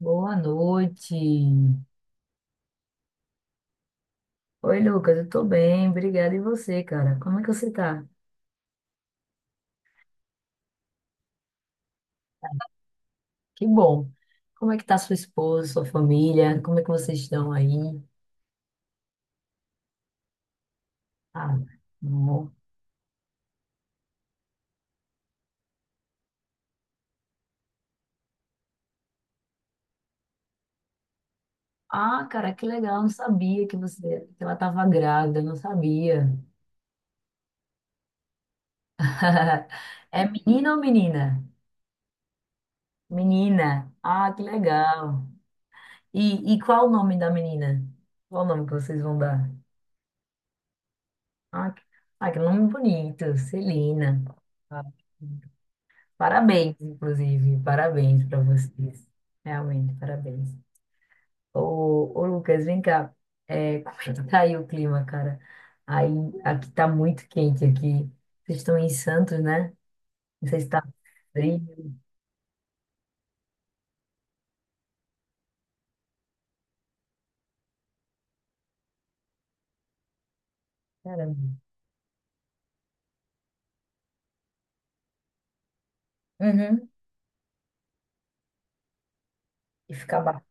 Boa noite. Oi, Lucas, eu tô bem, obrigada. E você, cara? Como é que você tá? Que bom. Como é que tá sua esposa, sua família? Como é que vocês estão aí? Ah, bom. Ah, cara, que legal, eu não sabia que ela tava grávida, eu não sabia. É menina ou menina? Menina. Ah, que legal. E qual o nome da menina? Qual o nome que vocês vão dar? Ah, que, ah, que nome bonito, Celina. Ah, parabéns, inclusive, parabéns para vocês. Realmente, parabéns. Ô Lucas, vem cá. É, como é que tá aí o clima, cara? Aí, Aqui tá muito quente aqui. Vocês estão em Santos, né? Não sei se tá frio. Caramba. Uhum. E fica abafado.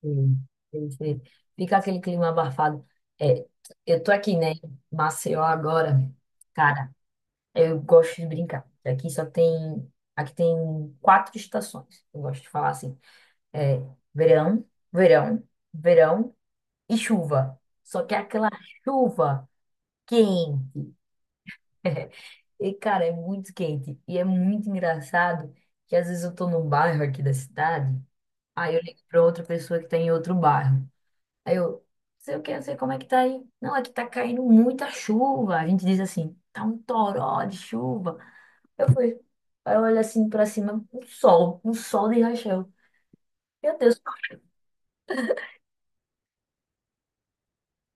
Sei, sei, sei. Fica aquele clima abafado. É, eu tô aqui, né, em Maceió agora. Cara, eu gosto de brincar. Aqui tem quatro estações. Eu gosto de falar assim, é verão, verão, verão e chuva. Só que é aquela chuva quente. E cara, é muito quente e é muito engraçado que às vezes eu tô num bairro aqui da cidade, aí eu ligo pra outra pessoa que tá em outro bairro. Aí eu, sei o que, Não sei como é que tá aí. Não, aqui tá caindo muita chuva. A gente diz assim, tá um toró de chuva. Eu fui. Aí eu olho assim pra cima, um sol de rachão. Meu Deus.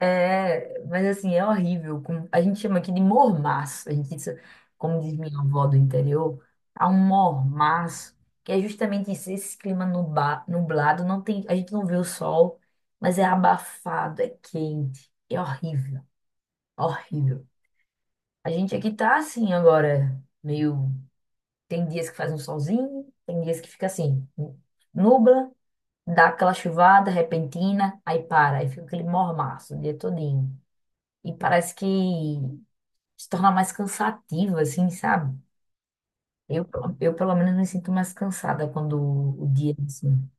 É, mas assim, é horrível. A gente chama aqui de mormaço. Como diz minha avó do interior, há um mormaço, que é justamente isso, esse clima nublado, a gente não vê o sol, mas é abafado, é quente, é horrível, horrível. A gente aqui tá assim agora, meio. Tem dias que faz um solzinho, tem dias que fica assim, nubla, dá aquela chuvada repentina, aí para, aí fica aquele mormaço o dia todinho. E parece que se torna mais cansativo, assim, sabe? Eu, eu pelo menos me sinto mais cansada quando o dia é assim.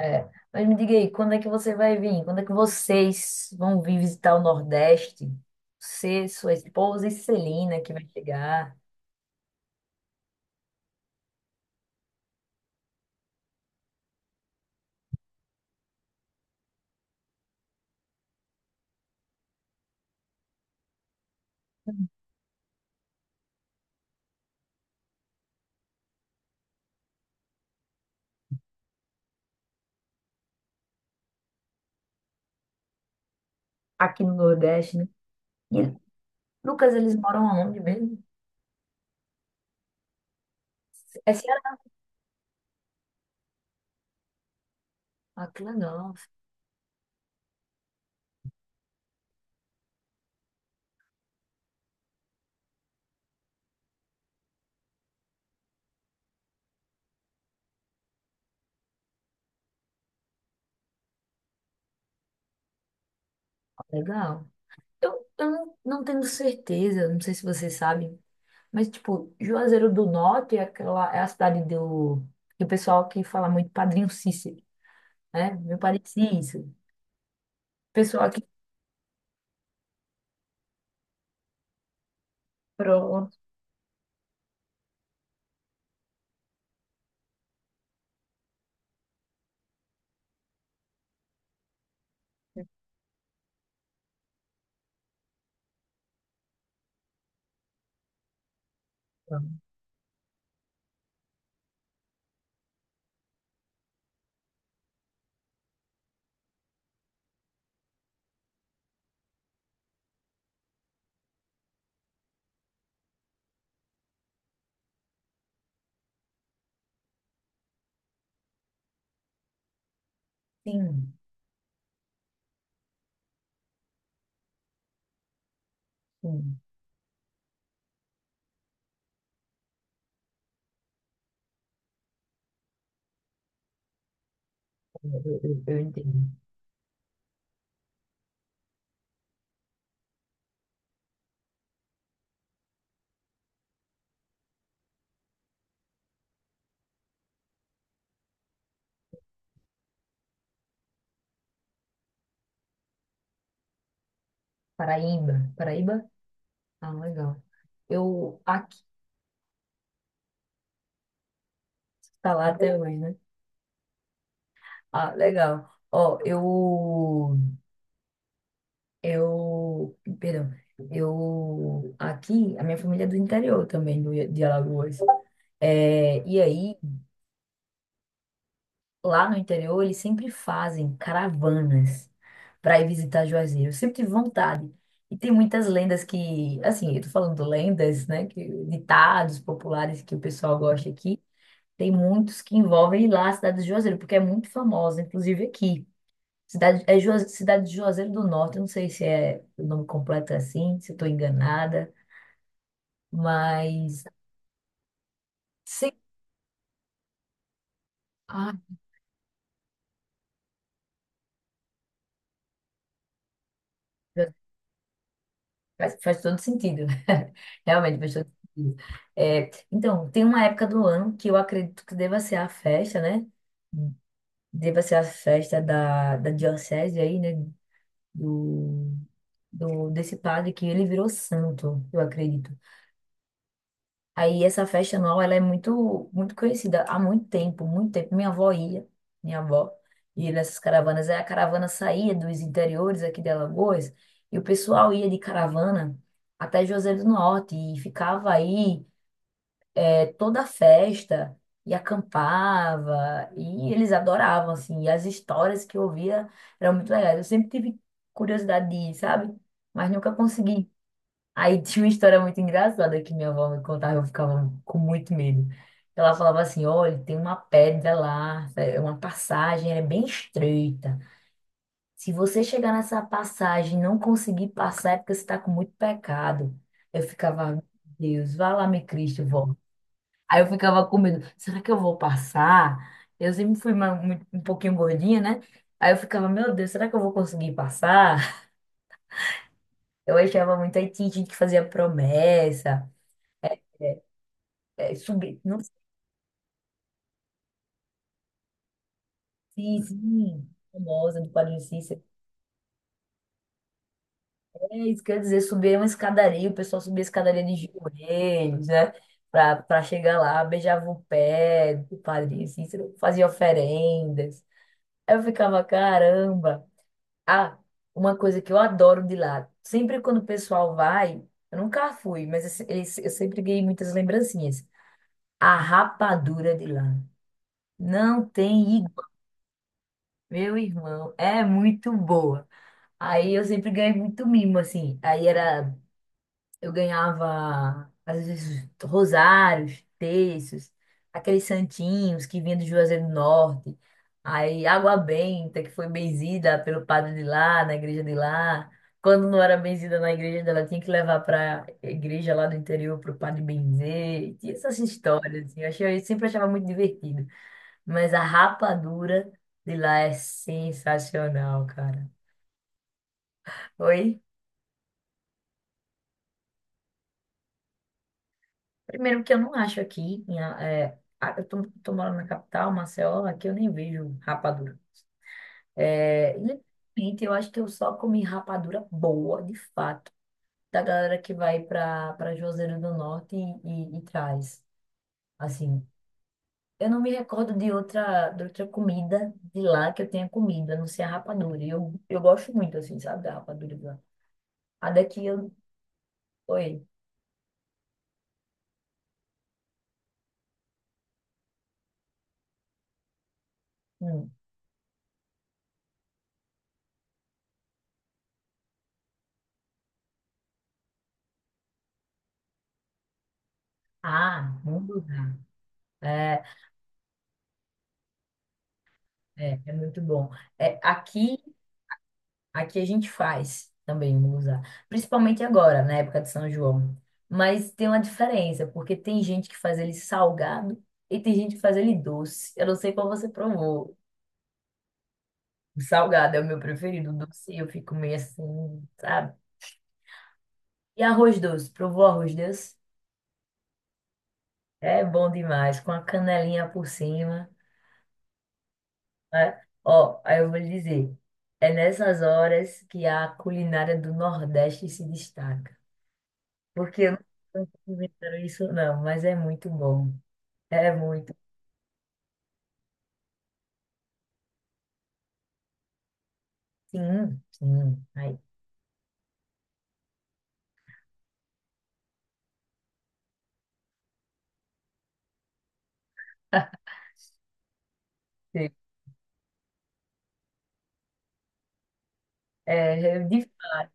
É. Mas me diga aí, quando é que você vai vir? Quando é que vocês vão vir visitar o Nordeste? Você, sua esposa e Celina, que vai chegar aqui no Nordeste, né? E, Lucas, eles moram aonde mesmo? É Ceará. Ah, que legal. Legal. Eu não, Não tenho certeza, não sei se você sabe, mas, tipo, Juazeiro do Norte é, aquela, é a cidade do pessoal que fala muito Padrinho Cícero, né? Meu padre Cícero. Pessoal que... Pronto. Sim, sim, eu entendo. Paraíba, Paraíba? Ah, legal. Eu, aqui, tá lá até hoje, né? Ah, legal. Ó, eu... Eu, perdão, eu aqui, a minha família é do interior também, de Alagoas. É, e aí, lá no interior, eles sempre fazem caravanas para ir visitar Juazeiro. Eu sempre tive vontade. E tem muitas lendas que, assim, eu tô falando lendas, né, que, ditados populares que o pessoal gosta aqui. Tem muitos que envolvem ir lá a cidade de Juazeiro, porque é muito famosa, inclusive aqui. Cidade de Juazeiro do Norte, eu não sei se é o nome completo é assim, se estou enganada, mas sim, ah, faz, faz todo sentido. Realmente faz todo sentido. É, então, tem uma época do ano que eu acredito que deva ser a festa, né? Deva ser a festa da diocese aí, né? Do, Desse padre que ele virou santo, eu acredito. Aí essa festa anual, ela é muito, muito conhecida há muito tempo, muito tempo. Minha avó ia nessas caravanas. Aí a caravana saía dos interiores aqui de Alagoas e o pessoal ia de caravana até Juazeiro do Norte e ficava aí toda a festa e acampava e eles adoravam, assim. E as histórias que eu ouvia eram muito legais. Eu sempre tive curiosidade de ir, sabe? Mas nunca consegui. Aí tinha uma história muito engraçada que minha avó me contava, eu ficava com muito medo. Ela falava assim: olha, tem uma pedra lá, é uma passagem, ela é bem estreita. Se você chegar nessa passagem e não conseguir passar, é porque você está com muito pecado. Eu ficava, meu Deus, vai lá, meu Cristo, vó. Aí eu ficava com medo: será que eu vou passar? Eu sempre fui um pouquinho gordinha, né? Aí eu ficava, meu Deus, será que eu vou conseguir passar? Eu achava muito. Aí tinha gente que fazia promessa. É, subir. Sim, sim. Famosa do Padre Cícero. É isso, quer dizer, subir uma escadaria, o pessoal subia a escadaria de joelhos, né? Pra chegar lá, beijava o pé do Padre Cícero, fazia oferendas. Eu ficava, caramba. Ah, uma coisa que eu adoro de lá, sempre quando o pessoal vai, eu nunca fui, mas eu, se- eu sempre ganhei muitas lembrancinhas. A rapadura de lá. Não tem igual. Meu irmão, é muito boa. Aí eu sempre ganhei muito mimo, assim. Eu ganhava, às vezes, rosários, terços, aqueles santinhos que vinham do Juazeiro do Norte. Aí água benta, que foi benzida pelo padre de lá, na igreja de lá. Quando não era benzida na igreja dela, tinha que levar para igreja lá do interior para o padre benzer. E tinha essas histórias, assim. Eu achei, eu sempre achava muito divertido. Mas a rapadura de lá é sensacional, cara. Oi? Primeiro que eu não acho aqui, eu tô morando na capital, Maceió, aqui eu nem vejo rapadura. É, e, gente, eu acho que eu só comi rapadura boa, de fato, da galera que vai para Juazeiro do Norte e traz. Assim, eu não me recordo de outra comida de lá que eu tenha comido, a não ser a rapadura. E eu gosto muito, assim, sabe, da rapadura de lá. A daqui eu... Oi. Hum. Ah, hum, é, É muito bom. É, aqui... Aqui a gente faz também musa, principalmente agora, na época de São João. Mas tem uma diferença, porque tem gente que faz ele salgado e tem gente que faz ele doce. Eu não sei qual você provou. O salgado é o meu preferido, o doce eu fico meio assim, sabe? E arroz doce, provou arroz doce? É bom demais, com a canelinha por cima, né? Ó, aí eu vou lhe dizer, é nessas horas que a culinária do Nordeste se destaca. Porque eu não inventaram isso, não, mas é muito bom. É muito. Sim, sim. Aí. Sim. É, de fato,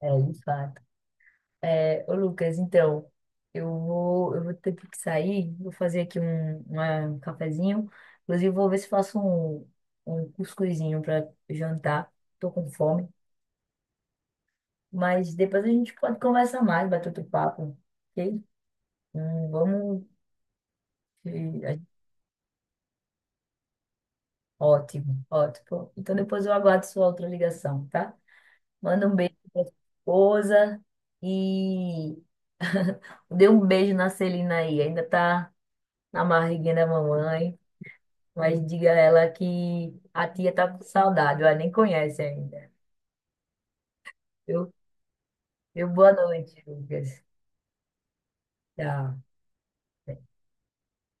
é, de fato. É, ô Lucas, então, eu vou ter que sair, vou fazer aqui um cafezinho. Inclusive, vou ver se faço um cuscuzinho para jantar. Tô com fome. Mas depois a gente pode conversar mais, bater outro papo, ok? Vamos. eh, Ótimo, ótimo. Então depois eu aguardo sua outra ligação, tá? Manda um beijo pra sua esposa e dê um beijo na Celina aí. Ainda tá na barriguinha da mamãe, mas diga a ela que a tia tá com saudade, ela nem conhece ainda. Eu, eu boa noite, Lucas. Tchau.